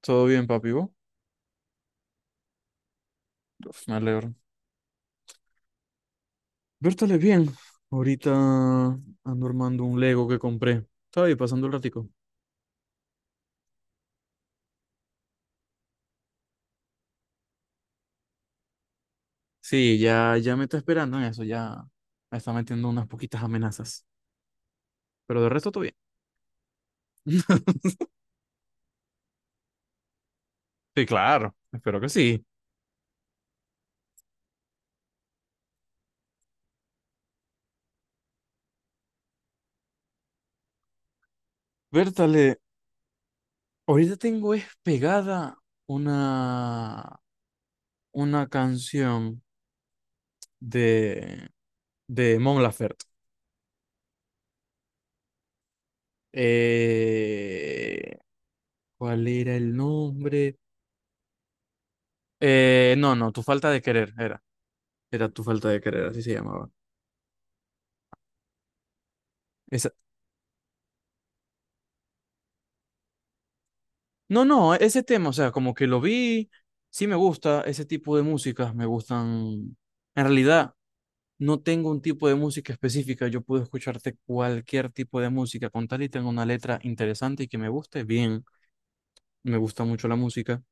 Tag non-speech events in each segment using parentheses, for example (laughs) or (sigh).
Todo bien, papi, ¿vos? Uf, me alegro. Vértale bien. Ahorita ando armando un Lego que compré. Estaba ahí pasando el ratico. Sí, ya me está esperando en eso, ya me está metiendo unas poquitas amenazas. Pero de resto todo bien. (laughs) Sí, claro, espero que sí. Vértale, ahorita tengo es pegada una, una canción de, de Mon Laferte. Eh, ¿Cuál era el nombre? No, no, tu falta de querer era. Era tu falta de querer, así se llamaba. Esa... No, no, ese tema, o sea, como que lo vi, sí me gusta, ese tipo de músicas me gustan. En realidad, no tengo un tipo de música específica, yo puedo escucharte cualquier tipo de música, con tal y tenga una letra interesante y que me guste, bien, me gusta mucho la música,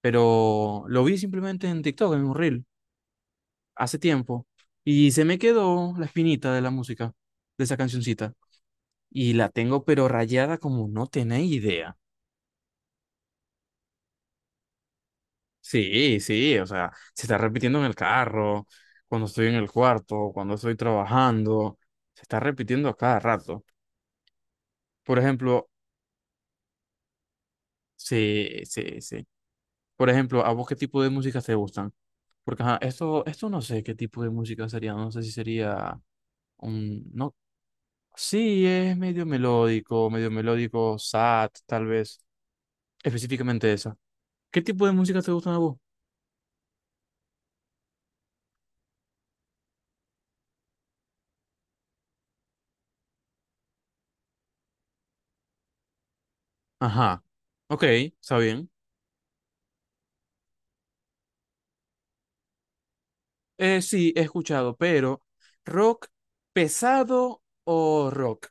pero lo vi simplemente en TikTok, en un reel, hace tiempo, y se me quedó la espinita de la música, de esa cancioncita, y la tengo pero rayada como no tenéis idea. Sí, sí, o sea, se está repitiendo en el carro, cuando estoy en el cuarto, cuando estoy trabajando, se está repitiendo a cada rato. Por ejemplo, sí, sí, sí. Por ejemplo, ¿a vos qué tipo de música te gustan? Porque ajá, esto no sé qué tipo de música sería, no sé si sería un, no, sí, es medio melódico, sad, tal vez, específicamente esa. ¿Qué tipo de música te gustan a vos? Ajá, ok, está bien. Sí, he escuchado, pero rock pesado o rock.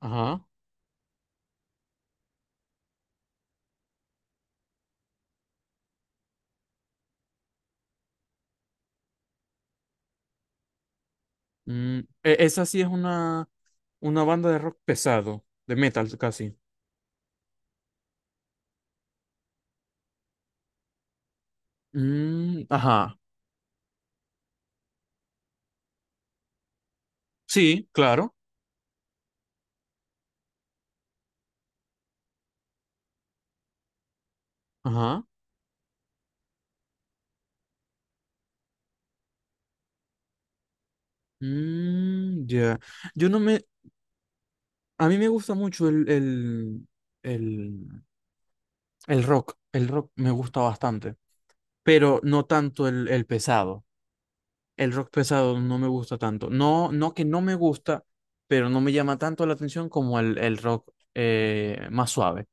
Ajá. Mm, esa sí es una banda de rock pesado, de metal casi. Mm, ajá. Sí, claro. Ajá. Mm, ya. Yo no me. A mí me gusta mucho el, el rock. El rock me gusta bastante, pero no tanto el pesado. El rock pesado no me gusta tanto. No, no que no me gusta, pero no me llama tanto la atención como el rock más suave.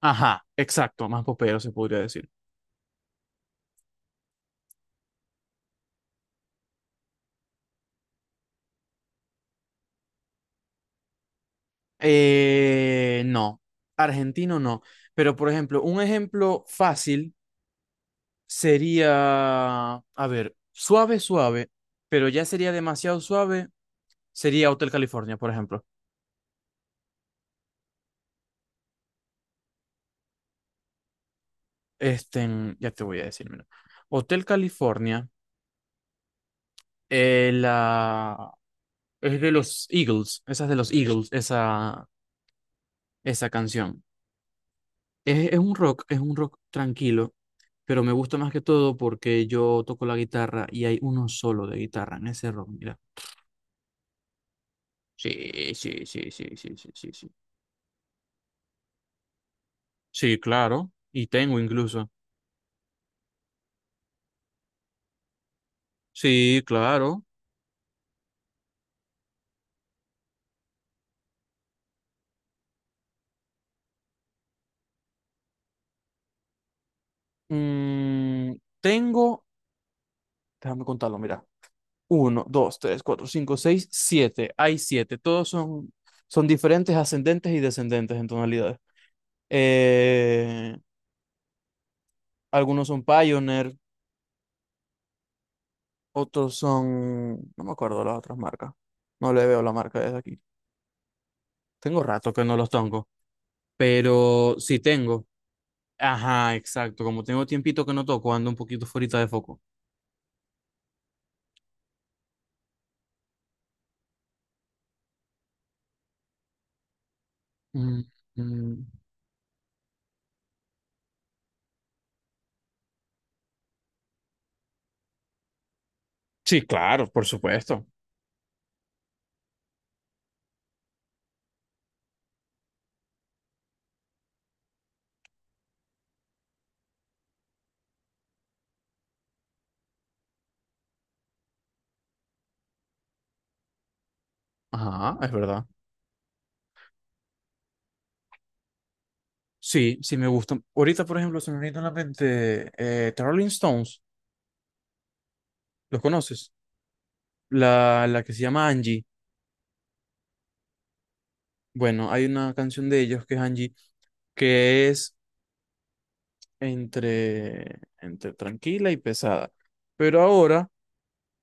Ajá, exacto, más popero se podría decir. No, argentino no. Pero por ejemplo, un ejemplo fácil sería, a ver, suave, suave, pero ya sería demasiado suave, sería Hotel California, por ejemplo. Este, ya te voy a decir, mira. Hotel California, la es de los Eagles, esa es de los Eagles, esa canción. Es un rock tranquilo, pero me gusta más que todo porque yo toco la guitarra y hay uno solo de guitarra en ese rock, mira. Sí, sí, sí, sí, sí, sí, sí, sí. Sí, claro, y tengo incluso. Sí, claro. Mm, tengo, déjame contarlo, mira. Uno, dos, tres, cuatro, cinco, seis, siete. Hay siete. Todos son, son diferentes ascendentes y descendentes en tonalidades. Eh, Algunos son Pioneer, otros son... No me acuerdo las otras marcas. No le veo la marca desde aquí. Tengo rato que no los tengo, pero sí tengo. Ajá, exacto. Como tengo tiempito que no toco, ando un poquito fuera de foco. Mm, mm. Sí, claro, por supuesto. Ajá, es verdad. Sí, sí me gustan. Ahorita, por ejemplo, se me viene a la mente The Rolling Stones. ¿Los conoces? La que se llama Angie. Bueno, hay una canción de ellos que es Angie que es entre tranquila y pesada. Pero ahora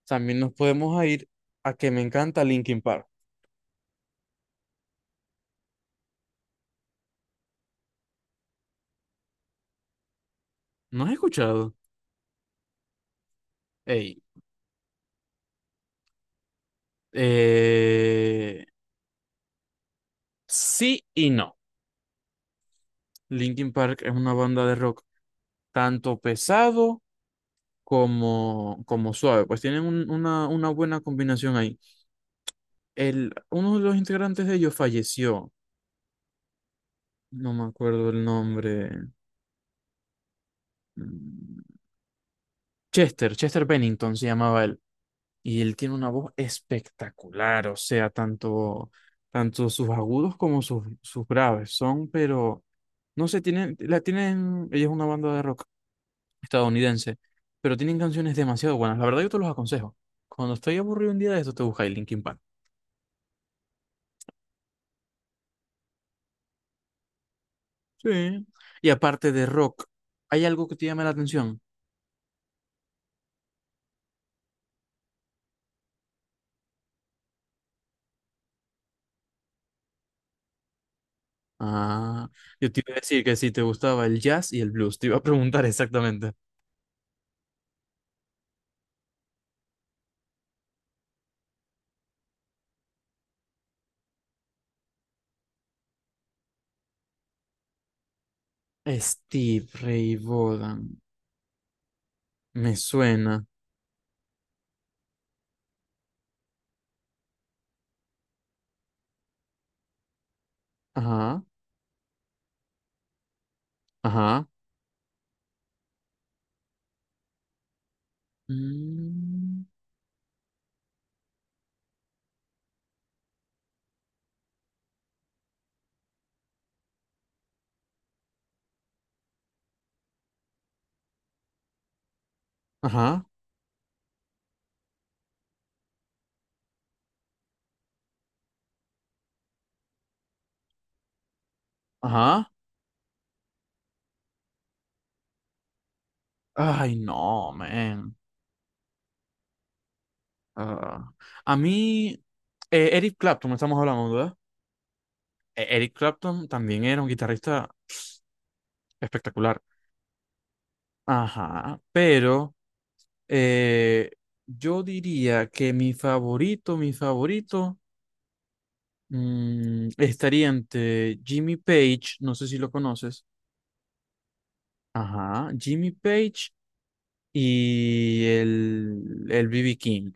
también nos podemos a ir a que me encanta Linkin Park. ¿No has escuchado? Ey, eh, sí y no. Linkin Park es una banda de rock tanto pesado como, como suave. Pues tienen una buena combinación ahí. El, uno de los integrantes de ellos falleció. No me acuerdo el nombre. Mm, Chester, Chester Bennington se llamaba él. Y él tiene una voz espectacular, o sea, tanto, tanto sus agudos como sus, sus graves son, pero no sé, tienen, la tienen, ella es una banda de rock estadounidense, pero tienen canciones demasiado buenas. La verdad, yo te los aconsejo. Cuando estoy aburrido un día de esto, te buscáis Linkin Park. Sí. Y aparte de rock, ¿hay algo que te llame la atención? Ah, yo te iba a decir que si te gustaba el jazz y el blues, te iba a preguntar (laughs) exactamente. Steve Ray Vaughan, me suena. Ajá. Ajá, mm, ajá, ajá. Ay, no, man. Ah, a mí, Eric Clapton, estamos hablando, ¿verdad? Eric Clapton también era un guitarrista espectacular. Ajá, pero eh, yo diría que mi favorito, mm, estaría entre Jimmy Page, no sé si lo conoces. Ajá, Jimmy Page y el B.B. King.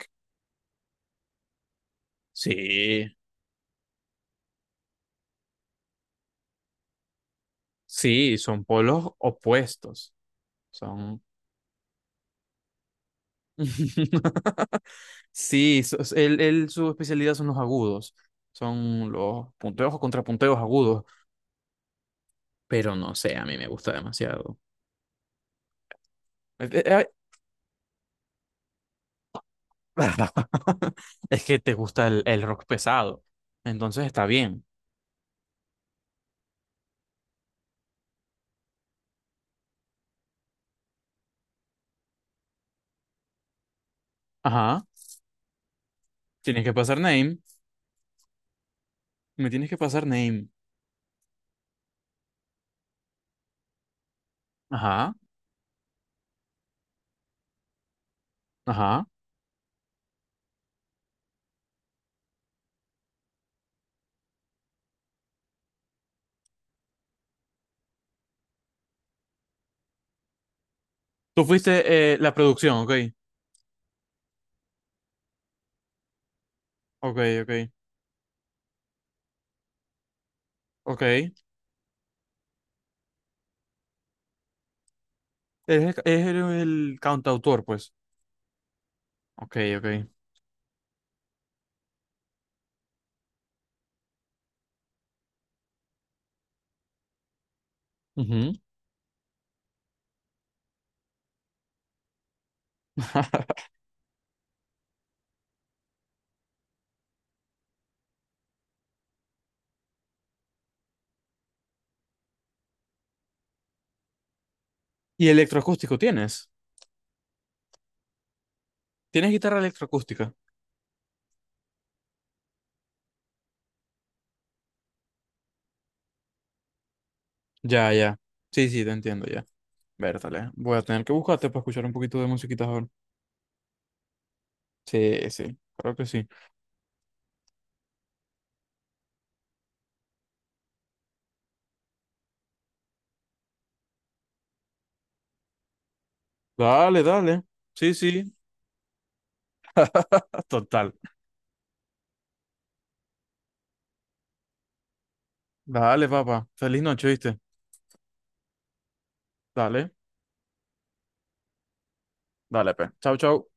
Sí, sí, son polos opuestos. Son. (laughs) Sí, él, su especialidad son los agudos. Son los punteos o contrapunteos agudos. Pero no sé, a mí me gusta demasiado. Eh, eh, eh, (laughs) es que te gusta el rock pesado. Entonces está bien. Ajá. Tienes que pasar name. Me tienes que pasar name. Ajá. Ajá. Tú fuiste la producción, ok. Ok, ok. Ok. Eres el, eres el cantautor, pues. Ok, ok. Ujú. (laughs) ¿Y electroacústico tienes? ¿Tienes guitarra electroacústica? Ya, ya. Sí, sí, te entiendo, ya. Vértale. Voy a tener que buscarte para escuchar un poquito de musiquita ahora. Sí, sí, creo que sí. Dale, dale. Sí, sí, ah, total. Dale, papá. Feliz noche, ¿viste? Dale, dale, pe. Chau, chau.